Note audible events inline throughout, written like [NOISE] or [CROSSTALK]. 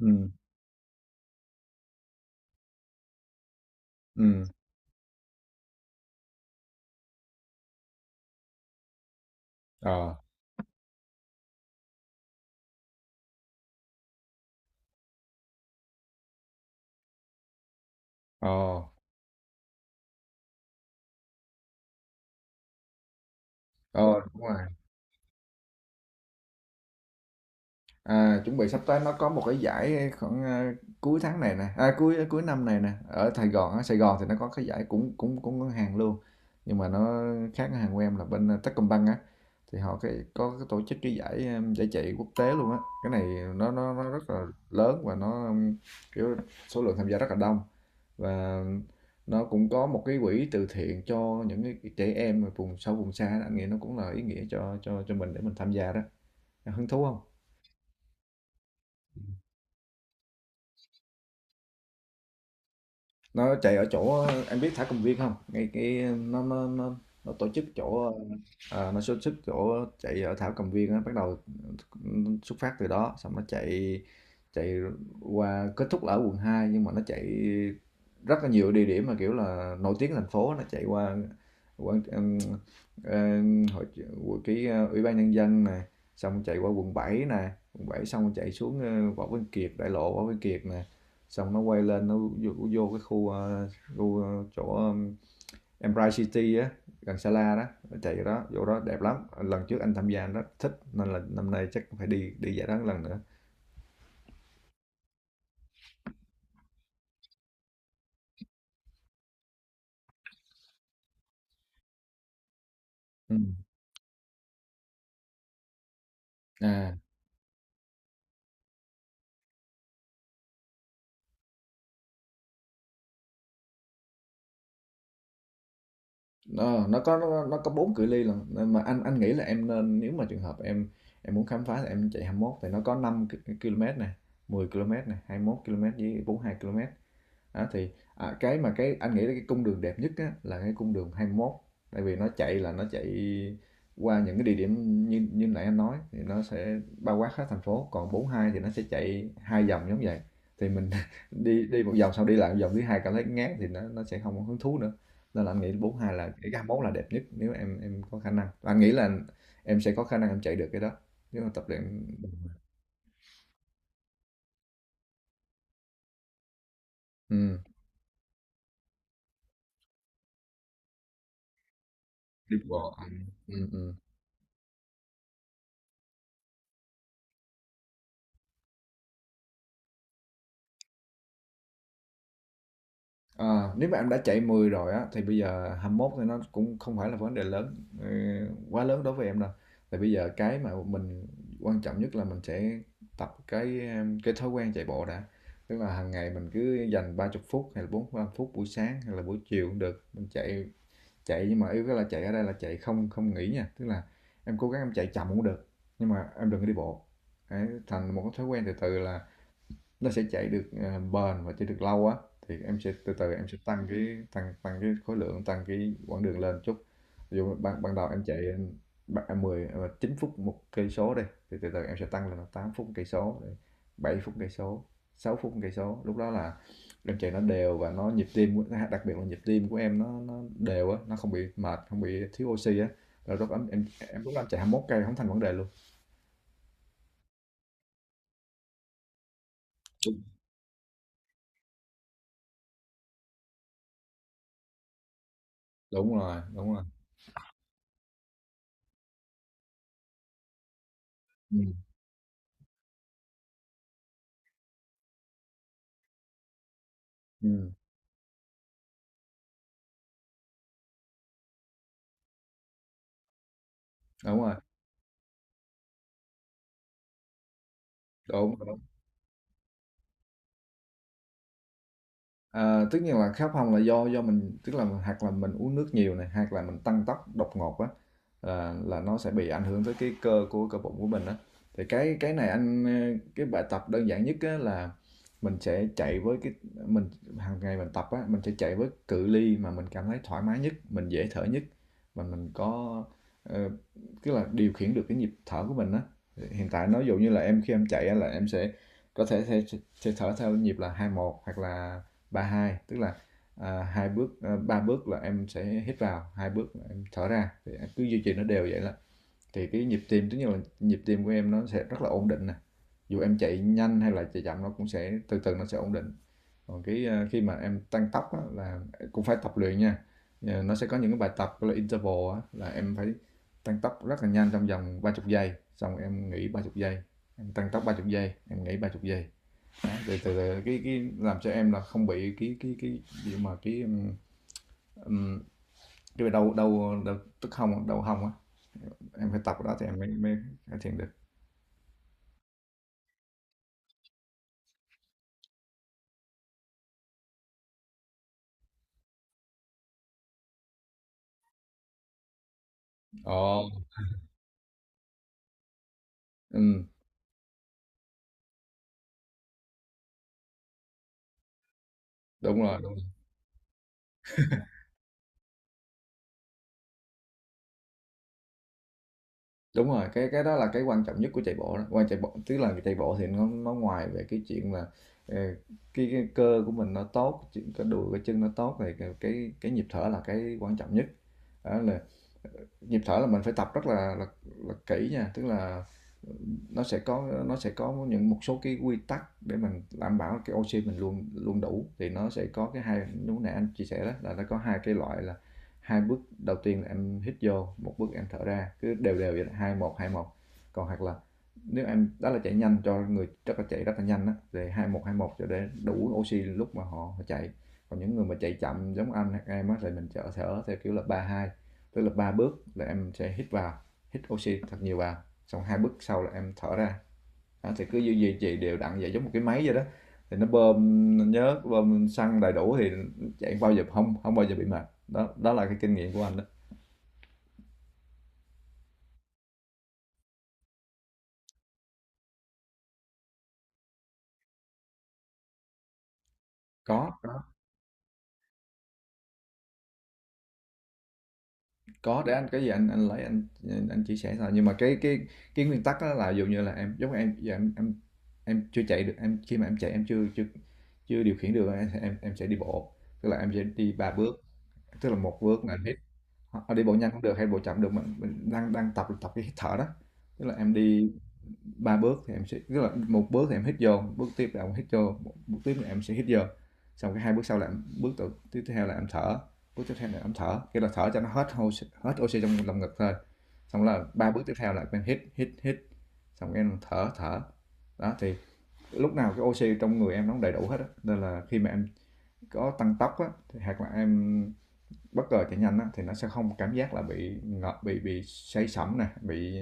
Ừ, ừ, ờ, ờ, ờ, đúng rồi. À, chuẩn bị sắp tới nó có một cái giải khoảng cuối tháng này nè, cuối cuối năm này nè, ở Sài Gòn á. Sài Gòn thì nó có cái giải cũng cũng cũng ngân hàng luôn. Nhưng mà nó khác ngân hàng của em, là bên Techcombank á, thì họ cái có cái tổ chức cái giải giải chạy quốc tế luôn á. Cái này nó rất là lớn và nó kiểu số lượng tham gia rất là đông, và nó cũng có một cái quỹ từ thiện cho những cái trẻ em ở vùng sâu vùng xa đó. Anh nghĩ nó cũng là ý nghĩa cho mình để mình tham gia đó. Hứng thú không? Nó chạy ở chỗ em biết thả cầm viên không, ngay cái nó tổ chức chỗ nó tổ chức chỗ chạy ở thảo cầm viên á, bắt đầu xuất phát từ đó, xong nó chạy chạy qua, kết thúc là ở quận 2, nhưng mà nó chạy rất là nhiều địa điểm mà kiểu là nổi tiếng thành phố. Nó chạy qua quận hội cái ủy ban nhân dân này, xong chạy qua quận bảy, xong chạy xuống Võ Văn Kiệt, đại lộ Võ Văn Kiệt nè, xong nó quay lên, nó vô cái khu khu chỗ Empire City á, gần Sala đó. Chạy đó, chỗ đó đẹp lắm, lần trước anh tham gia anh thích, nên là năm nay chắc phải đi đi giải đó một lần nữa. Ừ. À, nó có 4 cự ly lần, nên mà anh nghĩ là em nên, nếu mà trường hợp em muốn khám phá, thì em chạy 21. Thì nó có km nè, 10 km nè, 21 km với 42 km. Đó, thì, à, cái mà cái anh nghĩ là cái cung đường đẹp nhất á, là cái cung đường 21, tại vì nó chạy qua những cái địa điểm như như nãy anh nói, thì nó sẽ bao quát hết thành phố. Còn 42 thì nó sẽ chạy hai vòng giống vậy, thì mình [LAUGHS] đi đi một vòng xong đi lại một vòng thứ 2, cảm thấy ngán thì nó sẽ không có hứng thú nữa. Nên là anh nghĩ 42 là cái 21 là đẹp nhất, nếu em có khả năng. Và anh nghĩ là em sẽ có khả năng em chạy được cái đó, nếu mà tập luyện. Ừ, đi bộ. Ừ, ừ. Ờ, nếu mà em đã chạy 10 rồi á, thì bây giờ 21 thì nó cũng không phải là vấn đề lớn, ừ, quá lớn đối với em đâu. Tại bây giờ cái mà mình quan trọng nhất là mình sẽ tập cái thói quen chạy bộ đã. Tức là hàng ngày mình cứ dành 30 phút hay là 45 phút, buổi sáng hay là buổi chiều cũng được. Mình chạy chạy nhưng mà yếu cái là chạy ở đây là chạy không không nghỉ nha. Tức là em cố gắng em chạy chậm cũng được, nhưng mà em đừng có đi bộ. Đấy, thành một cái thói quen từ từ là nó sẽ chạy được, à, bền và chạy được lâu á, thì em sẽ từ từ em sẽ tăng cái khối lượng, tăng cái quãng đường lên chút. Ví dụ ban ban đầu em chạy, 10, 9 phút một cây số đi, thì từ từ em sẽ tăng lên là 8 phút 1 cây số, rồi 7 phút 1 cây số, 6 phút 1 cây số. Lúc đó là em chạy nó đều, và nhịp tim của, đặc biệt là nhịp tim của em, nó đều á, nó không bị mệt, không bị thiếu oxy á, rồi lúc đó em chạy 21 cây không thành vấn đề luôn. Đúng, đúng rồi, đúng rồi. Ừm, ừm, đúng rồi, đúng. Ờ, tất nhiên là khát phòng là do mình, tức là hoặc là mình uống nước nhiều này, hoặc là mình tăng tốc đột ngột á, là nó sẽ bị ảnh hưởng tới cái cơ, của cơ bụng của mình á. Thì cái này anh, ờ, cái bài tập đơn giản nhất á là mình sẽ chạy với cái mình hàng ngày mình tập á, mình sẽ chạy với cự ly mà mình cảm thấy thoải mái nhất, mình dễ thở nhất, mà mình có, ờ, tức là điều khiển được cái nhịp thở của mình á. Hiện tại nói dụ như là em, khi em chạy á, là em sẽ có thể, thể, sẽ thở theo nhịp là hai một, hoặc là ba hai, tức là ba bước là em sẽ hít vào, hai bước là em thở ra, thì em cứ duy trì nó đều vậy là thì cái nhịp tim, tức là nhịp tim của em nó sẽ rất là ổn định nè, dù em chạy nhanh hay là chạy chậm nó cũng sẽ từ từ nó sẽ ổn định. Còn cái, à, khi mà em tăng tốc á, là cũng phải tập luyện nha. Ờ, nó sẽ có những cái bài tập gọi là interval á, là em phải tăng tốc rất là nhanh trong vòng 30 giây, xong em nghỉ 30 giây, em tăng tốc 30 giây, em nghỉ 30 giây đó, để cái làm cho em là không bị cái gì mà cái đau đau đau tức hông, đau hông á. Em phải tập cái đó thì em mới mới cải thiện được. Ồ. Ừm. Đúng rồi, đúng rồi, đúng rồi. Cái đó là cái quan trọng nhất của chạy bộ đó, quan chạy bộ tức là chạy bộ thì nó ngoài về cái chuyện là, ờ, cái cơ của mình nó tốt, chuyện cái đùi cái chân nó tốt, thì cái nhịp thở là cái quan trọng nhất. Đó là nhịp thở là mình phải tập rất là là kỹ nha, tức là nó sẽ có những một số cái quy tắc để mình đảm bảo cái oxy mình luôn luôn đủ. Thì nó sẽ có cái hai, lúc nãy anh chia sẻ đó là nó có hai cái loại là, hai bước đầu tiên là em hít vô, một bước em thở ra, cứ đều đều vậy, hai một hai một. Còn hoặc là nếu em đó là chạy nhanh, cho người rất là chạy rất là nhanh á, thì hai một cho để đủ oxy lúc mà họ chạy. Còn những người mà chạy chậm giống anh hay em á, thì mình thở theo kiểu là ba hai, tức là ba bước là em sẽ hít vào, hít oxy thật nhiều vào, xong hai bước sau là em thở ra. Đó, thì cứ duy duy trì đều đặn vậy, giống một cái máy vậy đó, thì nó bơm, nó nhớ bơm xăng đầy đủ thì chạy bao giờ không không bao giờ bị mệt đó. Đó là cái kinh nghiệm của anh đó. có có có, để anh cái gì anh lấy anh, chia sẻ thôi. Nhưng mà cái nguyên tắc đó là ví dụ như là em, giống em giờ chưa chạy được em, khi mà em chạy em chưa chưa chưa điều khiển được em sẽ đi bộ, tức là em sẽ đi ba bước, tức là một bước là hít. Hoặc đi bộ nhanh không được, hay bộ chậm cũng được, mình đang đang tập tập cái hít thở đó. Tức là em đi 3 bước, thì em sẽ, tức là một bước thì em hít vô, bước tiếp là em hít vô, một bước tiếp là em sẽ hít vô. Xong cái hai bước sau là em, tiếp theo là em thở, bước tiếp theo là em thở, cái là thở cho nó hết oxy trong lồng ngực thôi. Xong là ba bước tiếp theo là em hít hít hít, xong cái em thở thở. Đó thì lúc nào cái oxy trong người em nó cũng đầy đủ hết á. Nên là khi mà em có tăng tốc á, thì hoặc là em bất ngờ chạy nhanh á, thì nó sẽ không cảm giác là bị ngợp, bị say sẩm nè, bị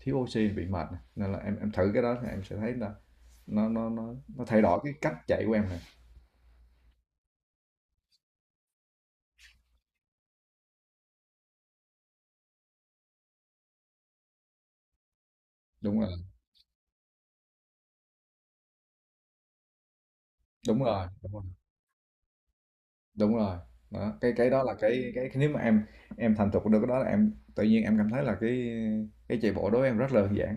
thiếu oxy, bị mệt nè. Nên là em thử cái đó thì em sẽ thấy là nó thay đổi cái cách chạy của em này. Đúng rồi, đúng rồi, đúng rồi, đúng rồi. Đó, cái đó là cái, nếu mà em thành thục được cái đó là em tự nhiên em cảm thấy là cái chạy bộ đối với em rất là đơn giản.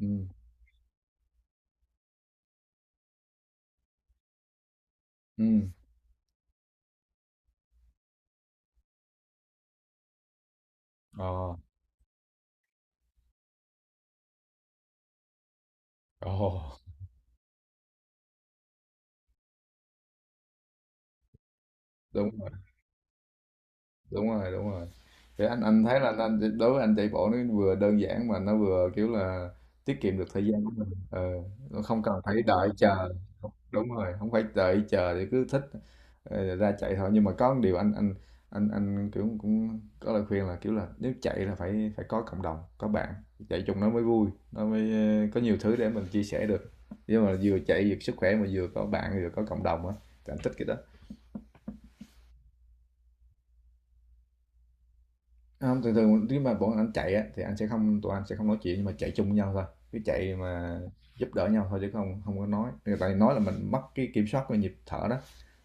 Ừ, ừ, ờ, ồ, đúng, đúng rồi, đúng rồi. Thì anh thấy là anh, đối với anh chạy bộ nó vừa đơn giản mà nó vừa kiểu là tiết kiệm được thời gian của mình. Ờ, nó không cần phải đợi chờ. Đúng rồi, không phải đợi chờ, thì cứ thích, ờ, ra chạy thôi. Nhưng mà có một điều anh kiểu cũng có lời khuyên là kiểu là, nếu chạy là phải phải có cộng đồng, có bạn chạy chung, nó mới vui, nó mới, ờ, có nhiều thứ để mình chia sẻ được. Nhưng mà vừa chạy vừa sức khỏe, mà vừa có bạn vừa có cộng đồng á, thì anh thích cái đó. Không, thường thường nếu mà bọn anh chạy á, thì anh sẽ không, tụi anh sẽ không nói chuyện, nhưng mà chạy chung với nhau thôi, cứ chạy mà giúp đỡ nhau thôi, chứ không không có nói. Tại vì nói là mình mất cái kiểm soát về nhịp thở đó.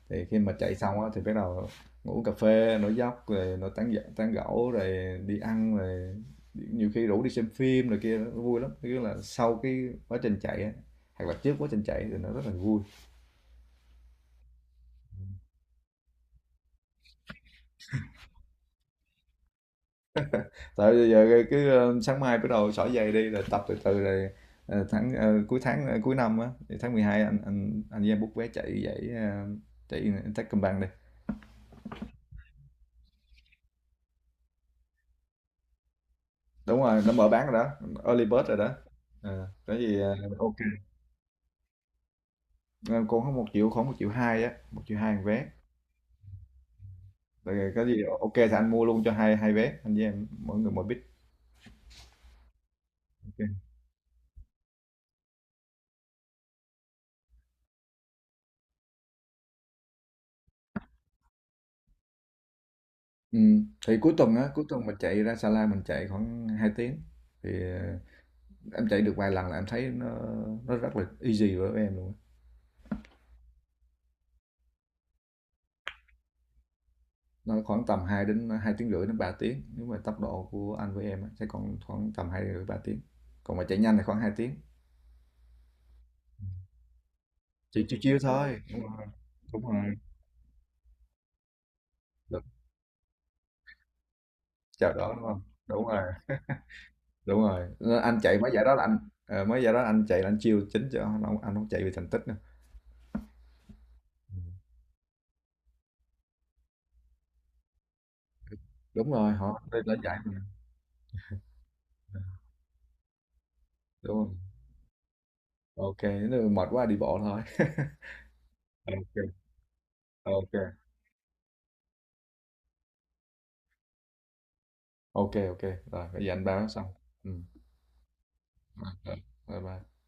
Thì khi mà chạy xong á, thì bắt đầu ngủ cà phê, nói dốc rồi, tán gẫu rồi, đi ăn rồi, nhiều khi rủ đi xem phim rồi, kia nó vui lắm. Tức là sau cái quá trình chạy á, hoặc là trước quá trình chạy thì nó rất là vui. Tại bây giờ cái, ờ, sáng mai bắt đầu xỏ giày đi rồi, tập từ từ rồi, cuối năm á, thì tháng 12 anh với em book vé chạy giải, chạy Techcombank đi. Đúng rồi, nó mở bán rồi đó, early bird rồi đó. Ờ, có gì ờ, ok. Ờ, cô có 1.000.000, khoảng 1.200.000 một vé. Rồi có gì ok thì anh mua luôn cho hai hai vé, anh với em mỗi người mỗi bit. Ok. Ừ. Thì cuối tuần á, cuối tuần mình chạy ra Sa La mình chạy khoảng 2 tiếng, thì ờ, em chạy được vài lần là em thấy nó rất là easy với em luôn á. Nó khoảng tầm 2 đến 2 tiếng rưỡi đến 3 tiếng, nếu mà tốc độ của anh với em á, sẽ còn khoảng tầm 2 rưỡi 3 tiếng. Còn mà chạy nhanh thì khoảng 2 tiếng. Chỉ chiêu chiêu thôi. Đúng rồi, đúng rồi. Được. Chào đó đúng không? Đúng rồi, đúng rồi. Nên anh chạy mấy giải đó là anh, ờ, mấy giải đó anh chạy là anh chiêu chính cho anh không chạy vì thành tích nữa. Ừ. Đúng rồi, họ đây là giải mà. Đúng không? Ok, nếu mà mệt quá đi bộ thôi. [LAUGHS] Ok, ok ok, rồi bây giờ anh báo xong. Ừ. Rồi, rồi. Bye bye.